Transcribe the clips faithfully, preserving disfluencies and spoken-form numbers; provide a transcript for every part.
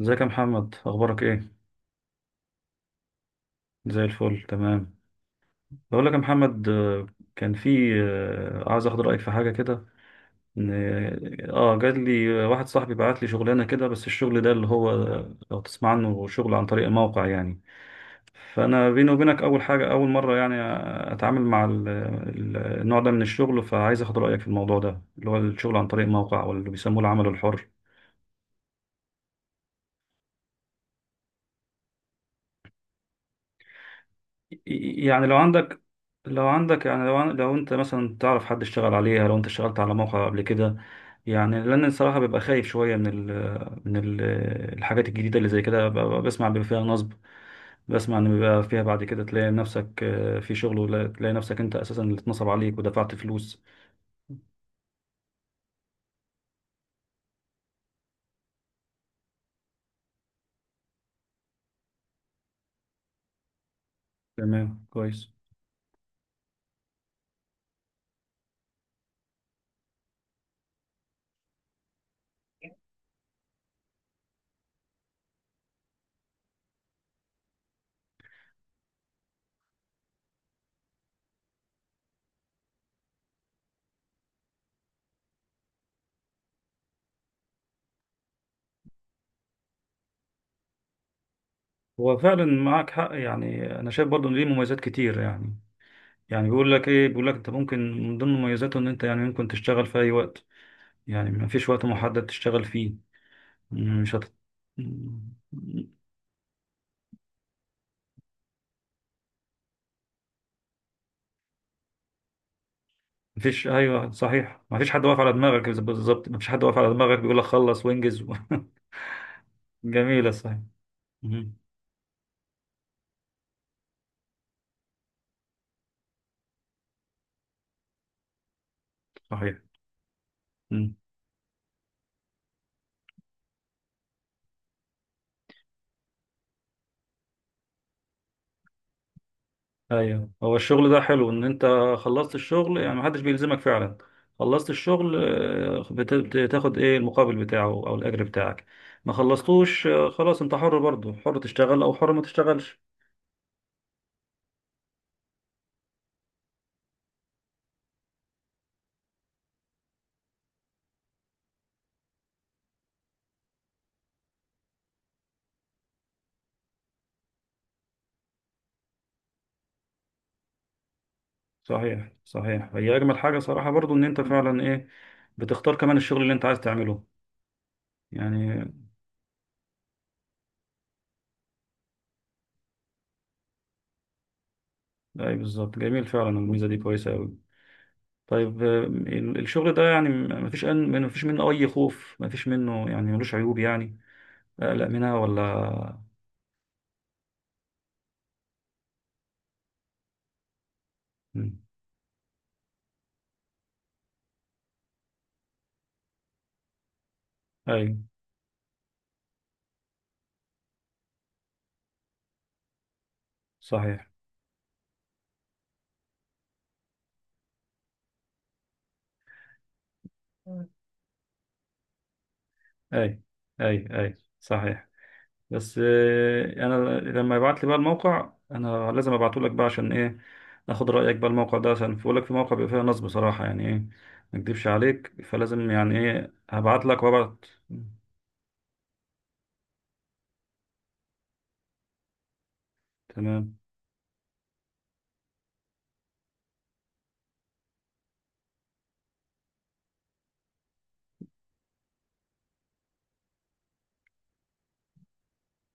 ازيك يا محمد، اخبارك ايه؟ زي الفل، تمام. بقول لك يا محمد، آه، كان في آه، عايز اخد رايك في حاجه كده. ان اه جات لي، آه، واحد صاحبي بعت لي شغلانه كده، بس الشغل ده اللي هو، آه، لو تسمع عنه، شغل عن طريق موقع يعني. فانا بيني وبينك اول حاجه، اول مره يعني اتعامل مع ال- ال- النوع ده من الشغل، فعايز اخد رايك في الموضوع ده اللي هو الشغل عن طريق موقع، واللي بيسموه العمل الحر. يعني لو عندك لو عندك يعني، لو عن- لو انت مثلا تعرف حد اشتغل عليها، لو انت اشتغلت على موقع قبل كده. يعني لان الصراحه ببقى خايف شويه من ال من ال الحاجات الجديده اللي زي كده. ببقى بسمع بيبقى فيها نصب، بسمع ان بيبقى فيها، بعد كده تلاقي نفسك، آه، في شغل، ولا تلاقي نفسك انت اساسا اللي اتنصب عليك ودفعت فلوس. تمام، كويس. هو فعلا معاك حق يعني، انا شايف برضه ان ليه مميزات كتير يعني. يعني بيقول لك ايه، بيقول لك انت ممكن من ضمن مميزاته ان انت يعني ممكن تشتغل في اي وقت، يعني مفيش وقت محدد تشتغل فيه. مش هت... مفيش ايوه، صحيح. مفيش حد واقف على دماغك، بالظبط مفيش حد واقف على دماغك بيقول لك خلص وانجز و... جميله، صحيح. مم. صحيح. مم. ايوه، هو الشغل ده حلو ان انت خلصت الشغل يعني محدش بيلزمك فعلا. خلصت الشغل، آه، بت- بتاخد ايه المقابل بتاعه او الاجر بتاعك. ما خلصتوش، آه، خلاص، انت حر برضه، حر تشتغل او حر ما تشتغلش. صحيح، صحيح، هي اجمل حاجه صراحه برضو ان انت فعلا ايه، بتختار كمان الشغل اللي انت عايز تعمله يعني. اي بالظبط، جميل فعلا، الميزه دي كويسه قوي. طيب، آه، ال- الشغل ده يعني ما فيش ما فيش منه اي خوف، ما فيش منه يعني، ملوش عيوب يعني اقلق منها ولا؟ مم. اي، صحيح. اي، اي، اي، صحيح. بس آه، انا لما يبعت لي بقى الموقع، انا لازم ابعته لك بقى، عشان ايه، اخد رايك بقى الموقع ده، عشان بقول لك في موقع بيبقى فيها نصب بصراحه، يعني ايه ما اكدبش عليك، فلازم يعني ايه هبعت لك وابعت. تمام.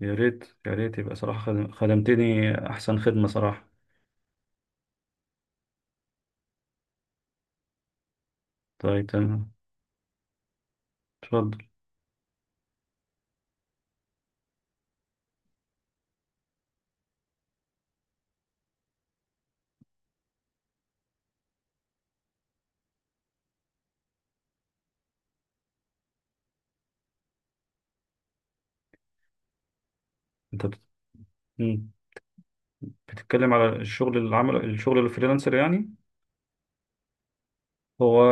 يا ريت، يا ريت يبقى صراحه خدم- خدمتني احسن خدمه صراحه. طيب، تمام. اتفضل. انت بت- مم. بتتكلم على الشغل، العمل، الشغل الفريلانسر يعني. هو،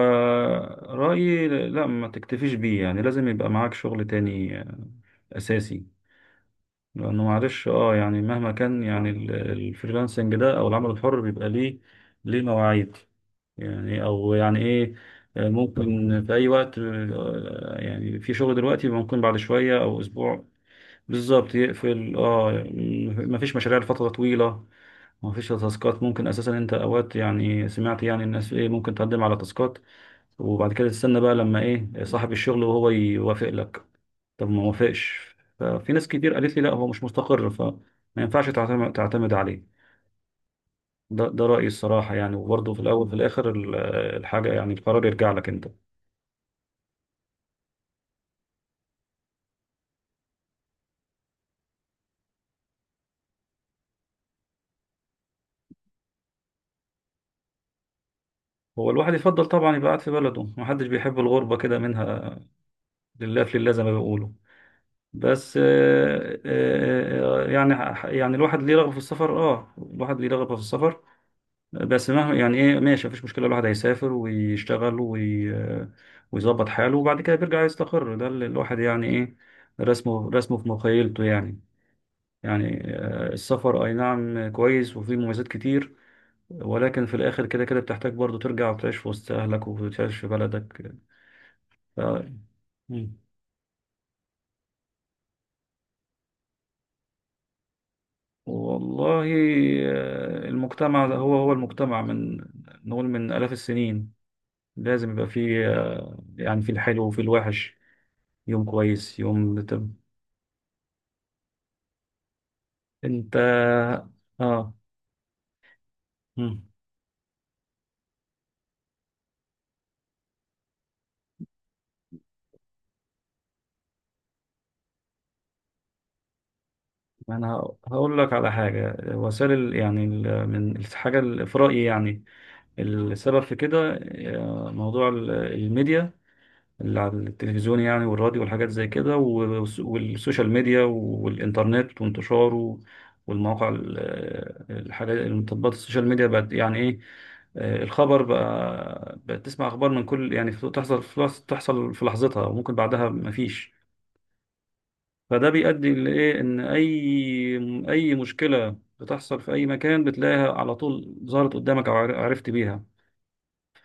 رأيي لا ما تكتفيش بيه يعني، لازم يبقى معاك شغل تاني، آه، أساسي. لأنه معلش اه يعني مهما كان يعني ال- الفريلانسنج ده أو العمل الحر بيبقى ليه ليه مواعيد يعني، أو يعني إيه، آه، ممكن في أي وقت، آه، يعني في شغل دلوقتي ممكن بعد شوية أو أسبوع. بالظبط يقفل، اه م- مفيش مشاريع لفترة طويلة، مفيش تاسكات. ممكن أساسا أنت أوقات يعني سمعت يعني الناس إيه ممكن تقدم على تاسكات، وبعد كده تستنى بقى لما ايه صاحب الشغل وهو يوافق لك. طب ما وافقش، ففي ناس كتير قالت لي لا هو مش مستقر فما ينفعش تعتمد، تعتمد عليه. ده ده رأيي الصراحة يعني، وبرضه في الأول في الآخر ال- الحاجة يعني القرار يرجع لك أنت. هو الواحد يفضل طبعا يبقى قاعد في بلده، محدش بيحب الغربة كده منها. لله في لله زي ما بيقولوا. بس آه، آه، آه، يعني ح- يعني الواحد ليه رغبة في السفر، اه الواحد ليه رغبة في السفر. بس ما يعني ايه، ماشي مفيش مشكله، الواحد هيسافر ويشتغل وي... ويظبط حاله، وبعد كده بيرجع يستقر. ده اللي الواحد يعني ايه، رسمه، رسمه في مخيلته يعني. يعني، آه، السفر اي نعم كويس وفيه مميزات كتير، ولكن في الاخر كده كده بتحتاج برضه ترجع وتعيش في وسط اهلك، وتعيش في بلدك. ف... مم. والله، آه، المجتمع ده هو هو المجتمع من، نقول من آلاف السنين لازم يبقى فيه، آه، يعني في الحلو وفي الوحش، يوم كويس يوم طب. انت، اه. مم. انا هقول لك على حاجه، وسائل ال- يعني ال- من الحاجه ال- في رايي يعني السبب في كده، آه، موضوع ال- الميديا اللي على التلفزيون يعني، والراديو والحاجات زي كده، والس- والسوشيال ميديا والإنترنت وانتشاره والمواقع ال- الحاجات، التطبيقات، السوشيال ميديا بقت يعني إيه، آه، الخبر بقى، بقت تسمع أخبار من كل يعني في- تحصل في لحظ- تحصل في لحظتها وممكن بعدها مفيش. فده بيؤدي لإيه، إن أي، أي مشكلة بتحصل في أي مكان بتلاقيها على طول ظهرت قدامك أو عر- عرفت بيها.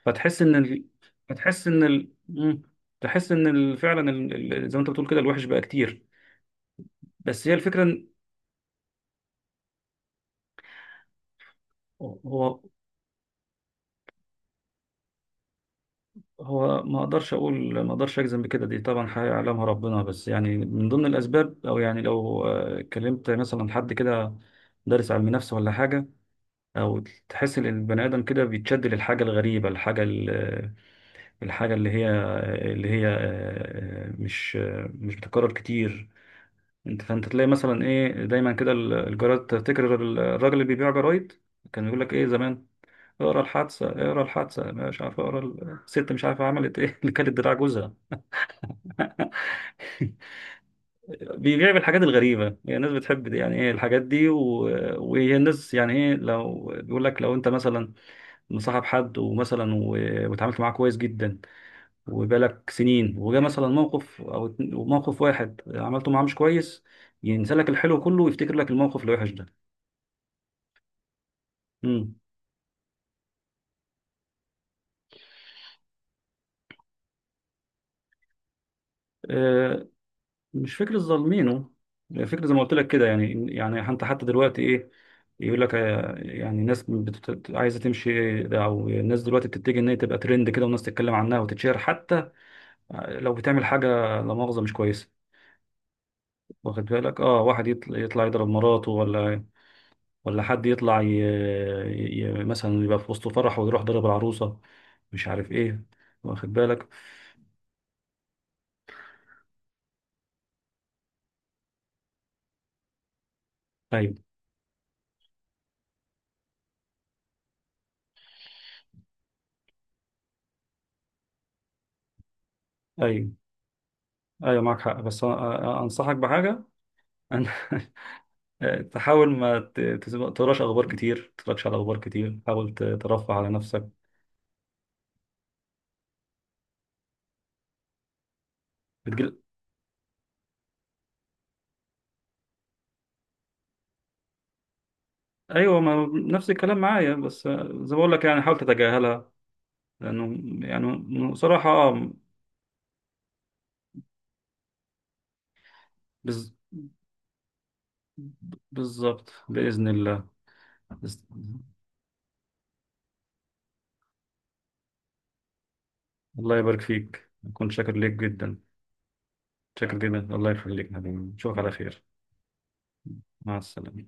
فتحس ان ال... فتحس ان ال... مم. تحس ان ال... فعلا ال... ال- زي ما انت بتقول كده الوحش بقى كتير، بس هي الفكره إن، هو هو ما اقدرش اقول، ما اقدرش اجزم بكده، دي طبعا حاجه يعلمها ربنا. بس يعني من ضمن الاسباب، او يعني لو آه، كلمت مثلا حد كده دارس علم نفس ولا حاجه، او تحس ان البني ادم كده بيتشد للحاجه الغريبه، الحاجه ال- الحاجه اللي هي، اللي هي آه، آه، مش، آه، مش بتتكرر كتير. انت فانت تلاقي مثلا ايه دايما كده ال- الجرايد، تفتكر ال- الراجل اللي بيبيع جرايد كان بيقول لك ايه زمان؟ اقرا الحادثه، اقرا الحادثه، مش عارف، اقرا ال- الست مش عارفه عملت ايه اللي كانت دراع جوزها. بيبيع بالحاجات الغريبه يعني، الناس بتحب دي يعني ايه، الحاجات دي و... وهي الناس يعني ايه، لو بيقول لك لو انت مثلا مصاحب حد ومثلا و... وتعاملت معاه كويس جدا وبقالك سنين، وجا مثلا موقف او اتن- موقف واحد عملته معاه مش كويس، ينسى لك الحلو كله ويفتكر لك الموقف الوحش ده. آه، مش فكرة ظالمينه، فكرة زي ما قلت لك كده يعني. يعني انت حتى دلوقتي ايه، يقول لك آه، يعني ناس بتت... عايزه تمشي ده، او الناس دلوقتي بتتجه ان هي تبقى ترند كده والناس تتكلم عنها وتتشهر حتى لو بتعمل حاجه لا مؤاخذه مش كويسه. واخد بالك، اه واحد يطلع، يطلع يضرب مراته، ولا ولا حد يطلع ي... ي... مثلا يبقى في وسط فرح ويروح ضرب العروسه، مش عارف ايه، واخد بالك. ايوه، ايوه، ايوه معاك حق. بس أنا- أنا انصحك بحاجه. آه، تحاول ما ت- تس- ما تقراش اخبار كتير، تتفرجش على اخبار كتير، حاول ت- ترفه على نفسك. بتجل... ايوه، ما نفس الكلام معايا. بس آه، زي ما بقول لك يعني حاول تتجاهلها، لانه يعني صراحه آه، بز... بالظبط، باذن الله. بس... الله يبارك فيك، اكون شاكر ليك جدا. شاكر جدا، الله يخليك يا حبيبي. نشوفك على خير. مع السلامه.